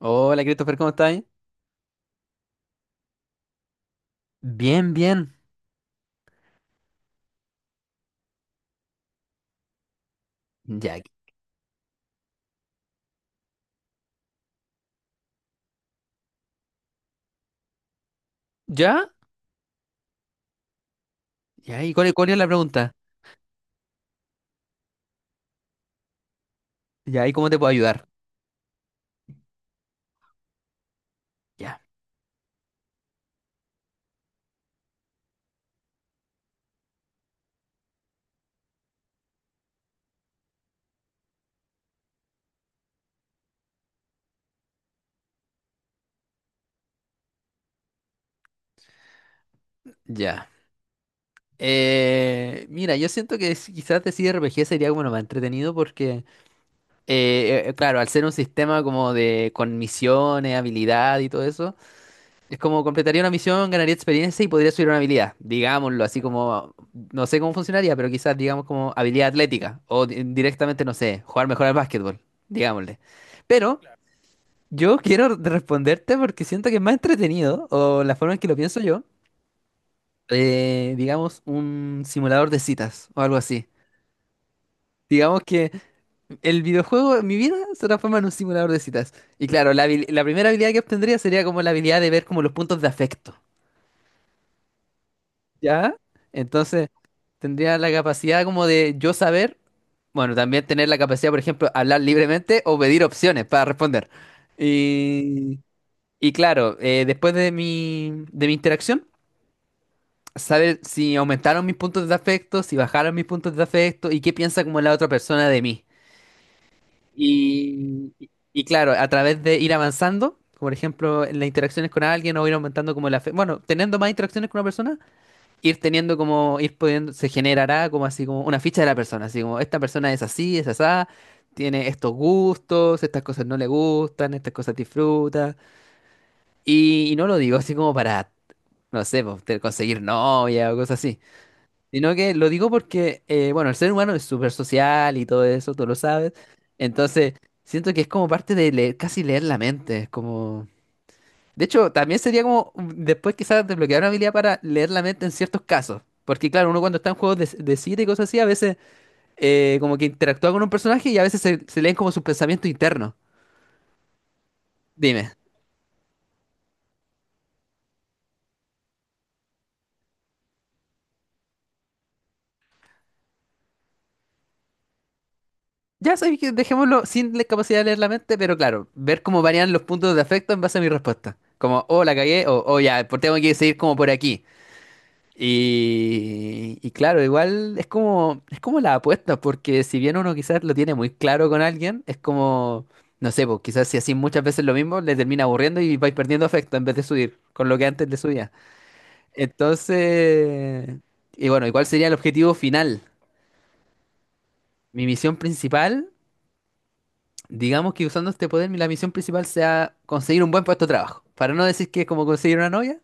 Hola, Christopher, ¿cómo estás? Bien, bien. Ya. ¿Ya? Ya, ¿y cuál es la pregunta? Ya, ¿y cómo te puedo ayudar? Ya. Ya. Mira, yo siento que quizás decir RPG sería como lo más entretenido porque, claro, al ser un sistema como de con misiones, habilidad y todo eso, es como completaría una misión, ganaría experiencia y podría subir una habilidad, digámoslo, así como, no sé cómo funcionaría, pero quizás digamos como habilidad atlética o directamente, no sé, jugar mejor al básquetbol, digámosle. Pero... Yo quiero responderte porque siento que es más entretenido, o la forma en que lo pienso yo, digamos, un simulador de citas o algo así. Digamos que el videojuego en mi vida se transforma en un simulador de citas. Y claro, la primera habilidad que obtendría sería como la habilidad de ver como los puntos de afecto, ¿ya? Entonces, tendría la capacidad como de yo saber, bueno, también tener la capacidad, por ejemplo, hablar libremente o pedir opciones para responder. Y, y claro, después de de mi interacción. Saber si aumentaron mis puntos de afecto, si bajaron mis puntos de afecto y qué piensa como la otra persona de mí. Y claro, a través de ir avanzando, como por ejemplo en las interacciones con alguien o ir aumentando como la afecto, bueno, teniendo más interacciones con una persona, ir teniendo como, ir pudiendo, se generará como así como una ficha de la persona, así como esta persona es así, es asá, tiene estos gustos, estas cosas no le gustan, estas cosas disfruta. Y no lo digo así como para, no sé, pues, conseguir novia o cosas así. Sino que lo digo porque, bueno, el ser humano es súper social y todo eso, tú lo sabes. Entonces, siento que es como parte de leer, casi leer la mente. Es como... De hecho, también sería como después quizás desbloquear una habilidad para leer la mente en ciertos casos. Porque claro, uno cuando está en juegos de cita y cosas así, a veces como que interactúa con un personaje y a veces se leen como sus pensamientos internos. Dime. Ya sabéis que dejémoslo sin la capacidad de leer la mente, pero claro, ver cómo varían los puntos de afecto en base a mi respuesta. Como, oh, la cagué, o oh, ya, pues tengo que seguir como por aquí. Y claro, igual es como la apuesta, porque si bien uno quizás lo tiene muy claro con alguien, es como, no sé, pues quizás si así muchas veces lo mismo, le termina aburriendo y vais perdiendo afecto en vez de subir, con lo que antes le subía. Entonces, y bueno, igual sería el objetivo final. Mi misión principal, digamos que usando este poder, la misión principal sea conseguir un buen puesto de trabajo. Para no decir que es como conseguir una novia.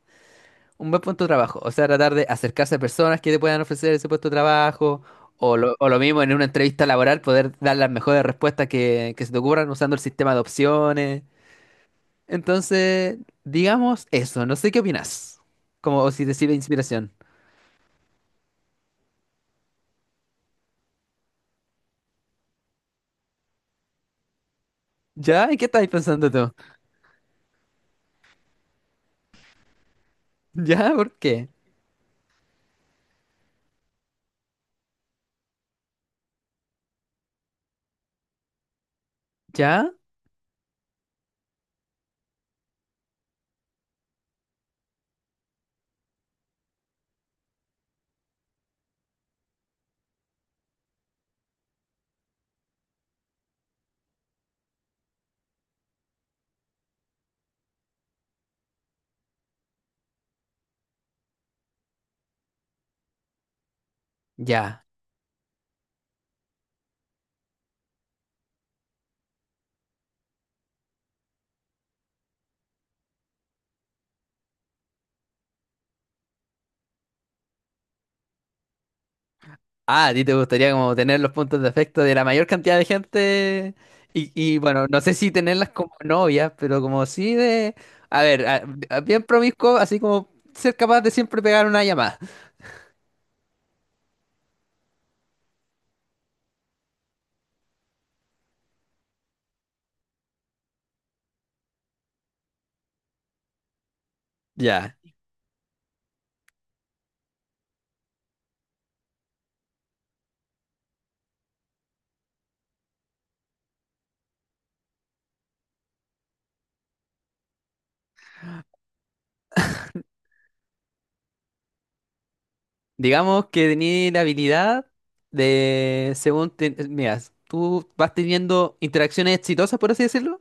Un buen puesto de trabajo, o sea, tratar de acercarse a personas que te puedan ofrecer ese puesto de trabajo, o lo mismo en una entrevista laboral, poder dar las mejores respuestas que se te ocurran usando el sistema de opciones. Entonces, digamos eso, no sé qué opinas, como o si te sirve de inspiración. ¿Ya? ¿Y qué estáis pensando tú? ¿Ya? ¿Por qué? ¿Ya? Ya. Ah, a ti te gustaría como tener los puntos de afecto de la mayor cantidad de gente y, bueno, no sé si tenerlas como novias, pero como sí de, a ver, bien promiscuo, así como ser capaz de siempre pegar una llamada. Ya, digamos que tení la habilidad de, según, mira, tú vas teniendo interacciones exitosas, por así decirlo,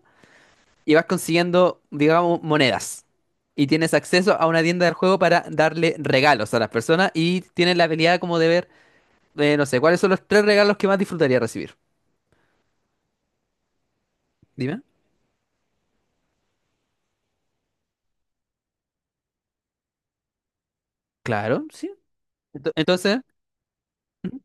y vas consiguiendo, digamos, monedas. Y tienes acceso a una tienda del juego para darle regalos a las personas y tienes la habilidad como de ver. No sé, ¿cuáles son los tres regalos que más disfrutaría recibir? Dime. Claro, sí. Entonces, ujú,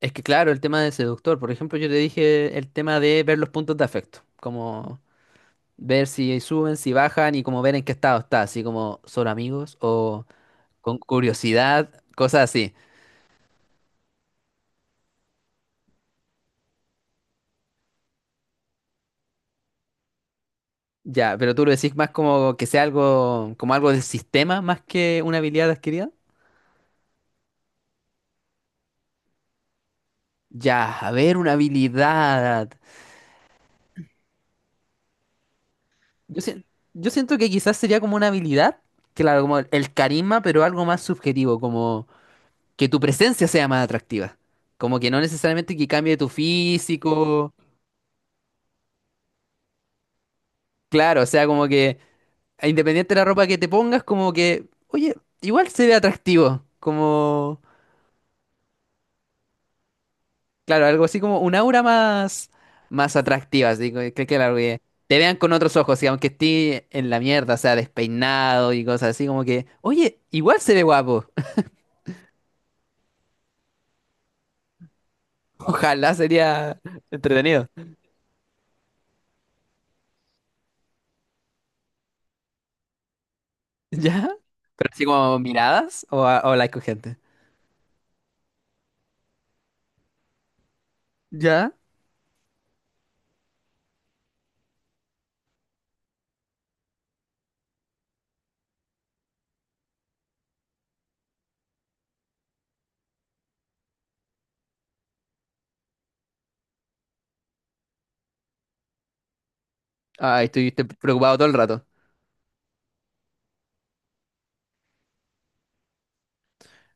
es que claro, el tema de seductor, por ejemplo, yo te dije el tema de ver los puntos de afecto, como ver si suben, si bajan y como ver en qué estado está, así como son amigos o con curiosidad, cosas así. Ya, pero tú lo decís más como que sea algo, como algo del sistema más que una habilidad adquirida. Ya, a ver, una habilidad. Yo, sien- yo siento que quizás sería como una habilidad, claro, como el carisma, pero algo más subjetivo, como que tu presencia sea más atractiva. Como que no necesariamente que cambie tu físico, claro, o sea, como que independiente de la ropa que te pongas, como que, oye, igual se ve atractivo, como, claro, algo así como un aura más, más atractiva, así que, que, claro, que te vean con otros ojos, y aunque esté en la mierda, o sea, despeinado y cosas así, como que, oye, igual se ve guapo. Ojalá sería entretenido. ¿Ya? Pero así como miradas o, o like con gente. ¿Ya? Ay, estuviste preocupado todo el rato.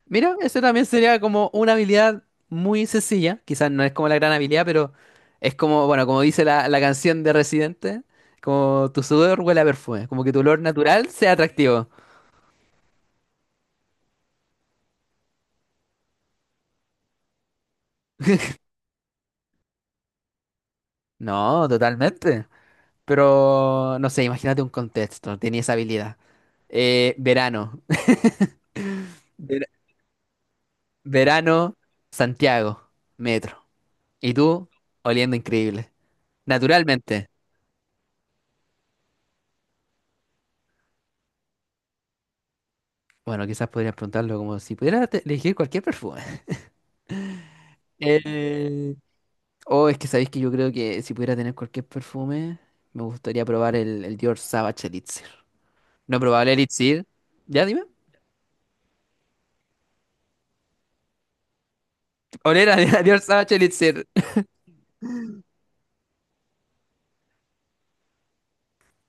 Mira, eso también sería como una habilidad muy sencilla. Quizás no es como la gran habilidad, pero es como, bueno, como dice la canción de Residente, como tu sudor huele a perfume, como que tu olor natural sea atractivo. No, totalmente. Pero, no sé, imagínate un contexto, tenía esa habilidad. Verano. Verano, Santiago, metro. Y tú, oliendo increíble. Naturalmente. Bueno, quizás podrías preguntarlo como si pudiera elegir cualquier perfume. Eh, oh, es que sabéis que yo creo que si pudiera tener cualquier perfume, me gustaría probar el Dior Sauvage Elixir. No probable Elixir. Ya dime. Oler a Dior Sauvage Elixir.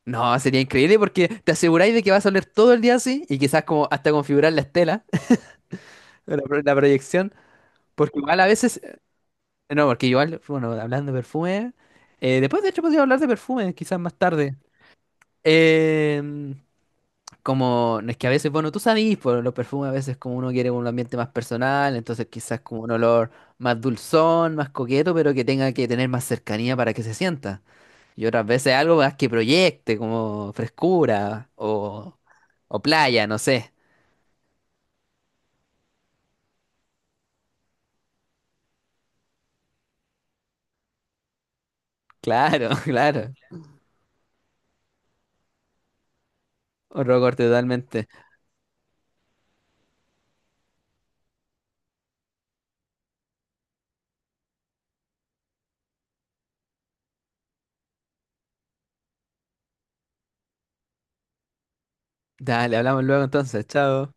No, sería increíble porque te aseguráis de que vas a oler todo el día así y quizás como hasta configurar la estela, la proyección. Porque igual a veces. No, porque igual, bueno, hablando de perfume, después de hecho podría hablar de perfumes, quizás más tarde. Em, Como, no es que a veces, bueno, tú sabes, por los perfumes a veces como uno quiere un ambiente más personal, entonces quizás como un olor más dulzón, más coqueto, pero que tenga que tener más cercanía para que se sienta. Y otras veces algo más que proyecte, como frescura o playa, no sé. Claro, claro. Otro corte totalmente. Dale, hablamos luego entonces, chao.